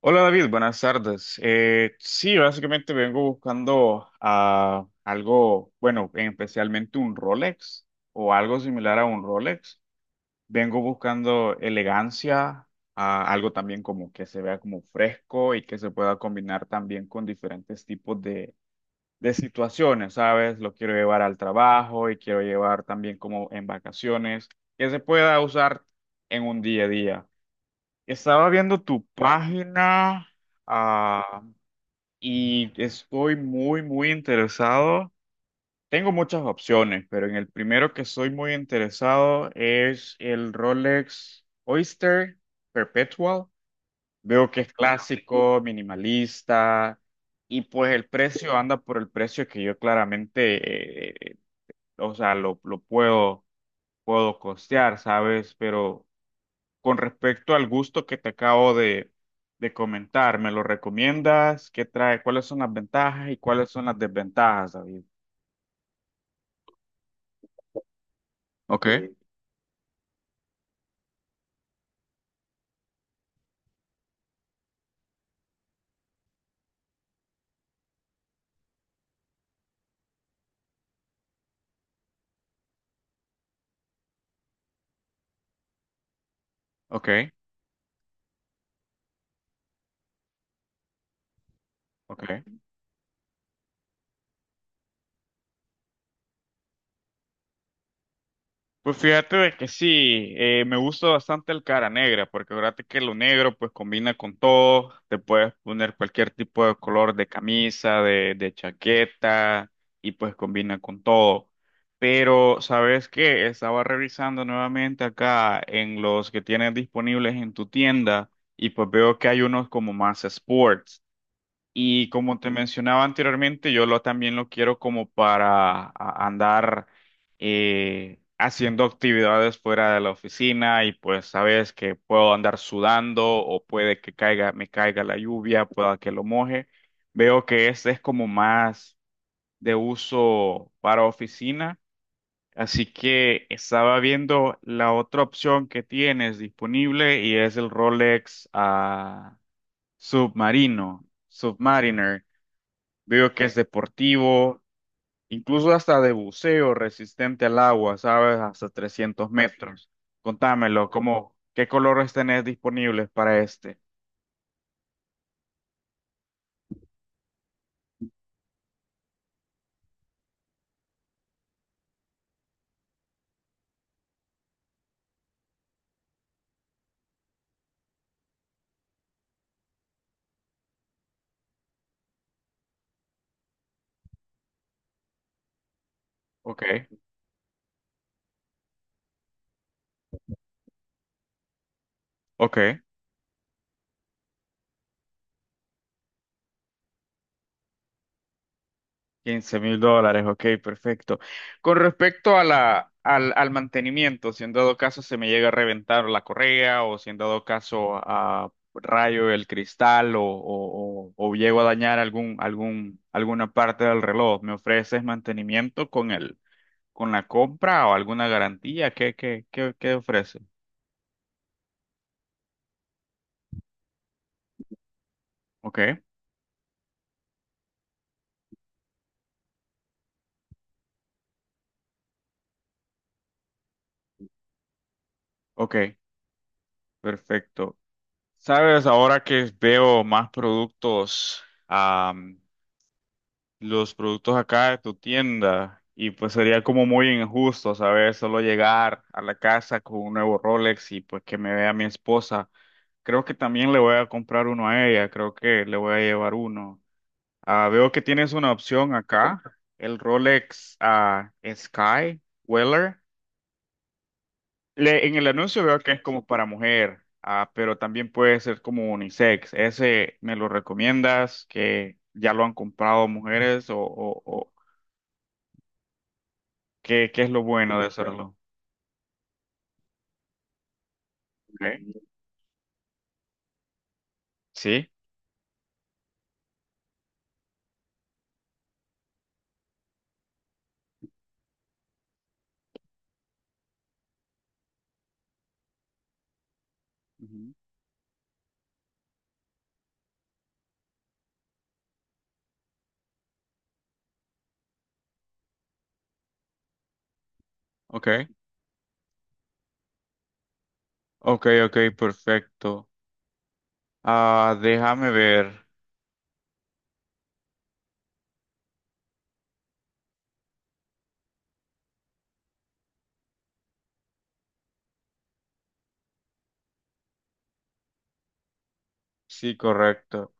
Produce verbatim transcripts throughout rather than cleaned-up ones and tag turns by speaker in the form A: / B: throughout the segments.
A: Hola David, buenas tardes. Eh, sí, básicamente vengo buscando ah, algo, bueno, especialmente un Rolex o algo similar a un Rolex. Vengo buscando elegancia, ah, algo también como que se vea como fresco y que se pueda combinar también con diferentes tipos de, de situaciones, ¿sabes? Lo quiero llevar al trabajo y quiero llevar también como en vacaciones, que se pueda usar en un día a día. Estaba viendo tu página, ah, y estoy muy, muy interesado. Tengo muchas opciones, pero en el primero que estoy muy interesado es el Rolex Oyster Perpetual. Veo que es clásico, minimalista, y pues el precio anda por el precio que yo claramente, eh, o sea, lo, lo puedo, puedo costear, ¿sabes? Pero con respecto al gusto que te acabo de, de comentar, ¿me lo recomiendas? ¿Qué trae? ¿Cuáles son las ventajas y cuáles son las desventajas, David? Ok. Eh, ok, ok. Pues fíjate de que sí, eh, me gusta bastante el cara negra, porque fíjate que lo negro pues combina con todo, te puedes poner cualquier tipo de color de camisa, de, de chaqueta, y pues combina con todo. Pero, ¿sabes qué? Estaba revisando nuevamente acá en los que tienes disponibles en tu tienda, y pues veo que hay unos como más sports. Y como te mencionaba anteriormente, yo lo, también lo quiero como para a- andar eh, haciendo actividades fuera de la oficina y pues sabes que puedo andar sudando o puede que caiga, me caiga la lluvia, pueda que lo moje. Veo que este es como más de uso para oficina, así que estaba viendo la otra opción que tienes disponible y es el Rolex ah, Submarino, Submariner. Veo que es deportivo, incluso hasta de buceo, resistente al agua, ¿sabes? Hasta trescientos metros. Contámelo, ¿cómo, qué colores tenés disponibles para este? Ok, ok. Quince mil dólares, ok, perfecto. Con respecto a la, al, al mantenimiento, si en dado caso se me llega a reventar la correa o si en dado caso a rayo el cristal o, o, o- o llego a dañar algún, algún, alguna parte del reloj, ¿me ofreces mantenimiento con el con la compra o alguna garantía? ¿Qué, qué, qué, qué ofrece? Ok, ok, perfecto. Sabes, ahora que veo más productos, am, los productos acá de tu tienda, y pues sería como muy injusto, ¿sabes? Solo llegar a la casa con un nuevo Rolex y pues que me vea mi esposa. Creo que también le voy a comprar uno a ella, creo que le voy a llevar uno. Ah, veo que tienes una opción acá, el Rolex ah, Sky Weller. Le- en el anuncio veo que es como para mujer, ah, pero también puede ser como unisex. ¿Ese me lo recomiendas? ¿Que ya lo han comprado mujeres o, o, o qué, qué es lo bueno de hacerlo? Okay. ¿Sí? Ujú. Ok, ok, ok, perfecto. Ah, déjame ver. Sí, correcto.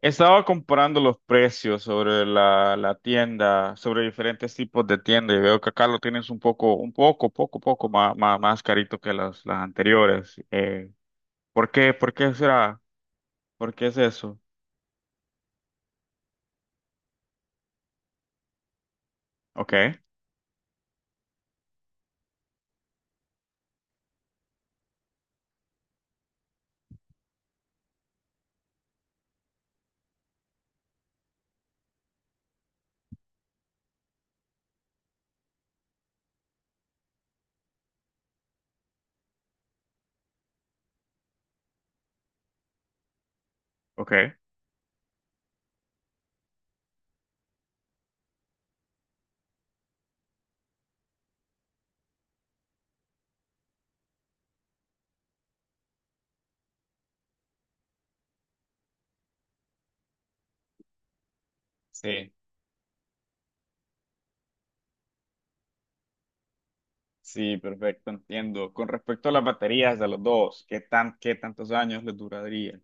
A: Estaba comparando los precios sobre la, la tienda, sobre diferentes tipos de tienda y veo que acá lo tienes un poco, un poco, poco, poco más, más, más carito que las, las anteriores. Eh, ¿por qué? ¿Por qué será? ¿Por qué es eso? Ok, ok. Sí, perfecto, entiendo. Con respecto a las baterías de los dos, ¿qué tan, qué tantos años les duraría?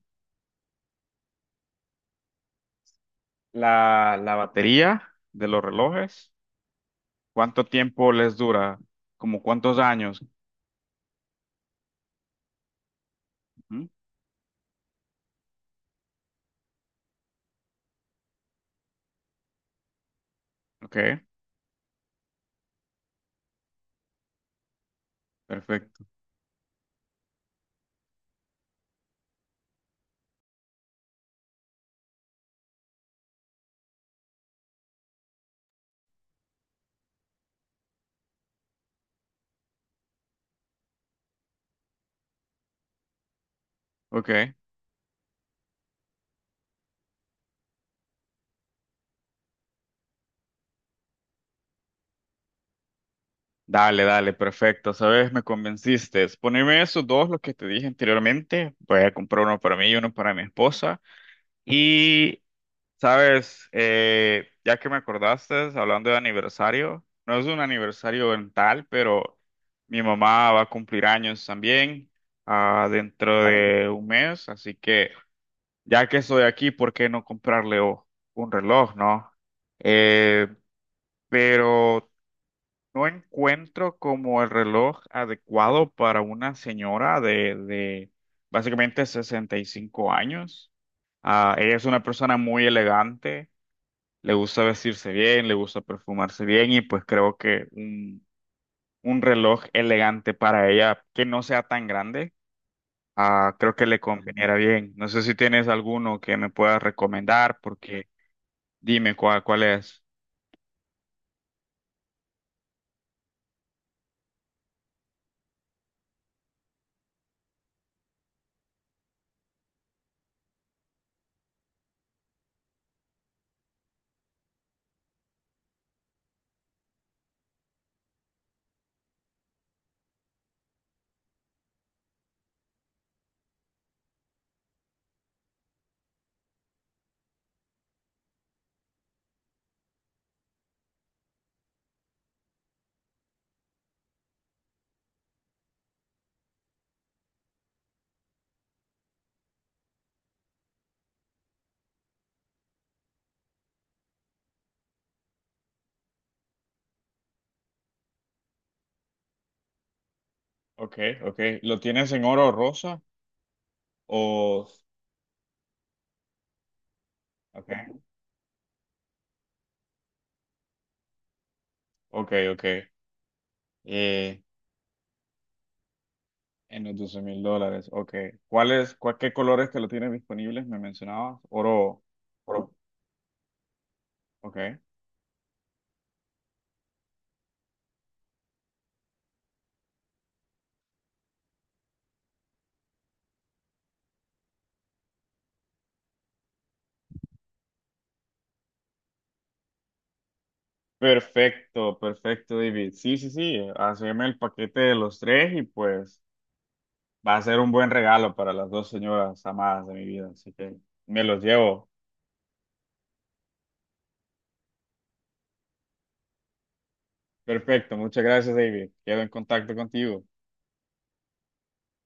A: La, la batería de los relojes, ¿cuánto tiempo les dura? ¿Como cuántos años? Ujú. Ok, perfecto. Ok. Dale, dale, perfecto. Sabes, me convenciste. Poneme esos dos, los que te dije anteriormente. Voy a comprar uno para mí y uno para mi esposa. Y, sabes, Eh, ya que me acordaste, hablando de aniversario, no es un aniversario en tal, pero mi mamá va a cumplir años también, ah, dentro de un mes. Así que, ya que estoy aquí, ¿por qué no comprarle oh, un reloj, no? Eh, pero. No encuentro como el reloj adecuado para una señora de, de básicamente sesenta y cinco años. Ah, ella es una persona muy elegante, le gusta vestirse bien, le gusta perfumarse bien y pues creo que un, un reloj elegante para ella que no sea tan grande, ah, creo que le conveniera bien. No sé si tienes alguno que me puedas recomendar porque dime cuál, cuál es. Ok, ok. ¿Lo tienes en oro rosa o? Ok. Ok, ok. Eh, en los doce mil dólares, ok. ¿Cuáles, cua- qué colores que lo tienes disponibles? Me mencionabas. Oro. Oro. Ok. Perfecto, perfecto, David. Sí, sí, sí. Haceme el paquete de los tres y pues va a ser un buen regalo para las dos señoras amadas de mi vida. Así que me los llevo. Perfecto, muchas gracias, David. Quedo en contacto contigo.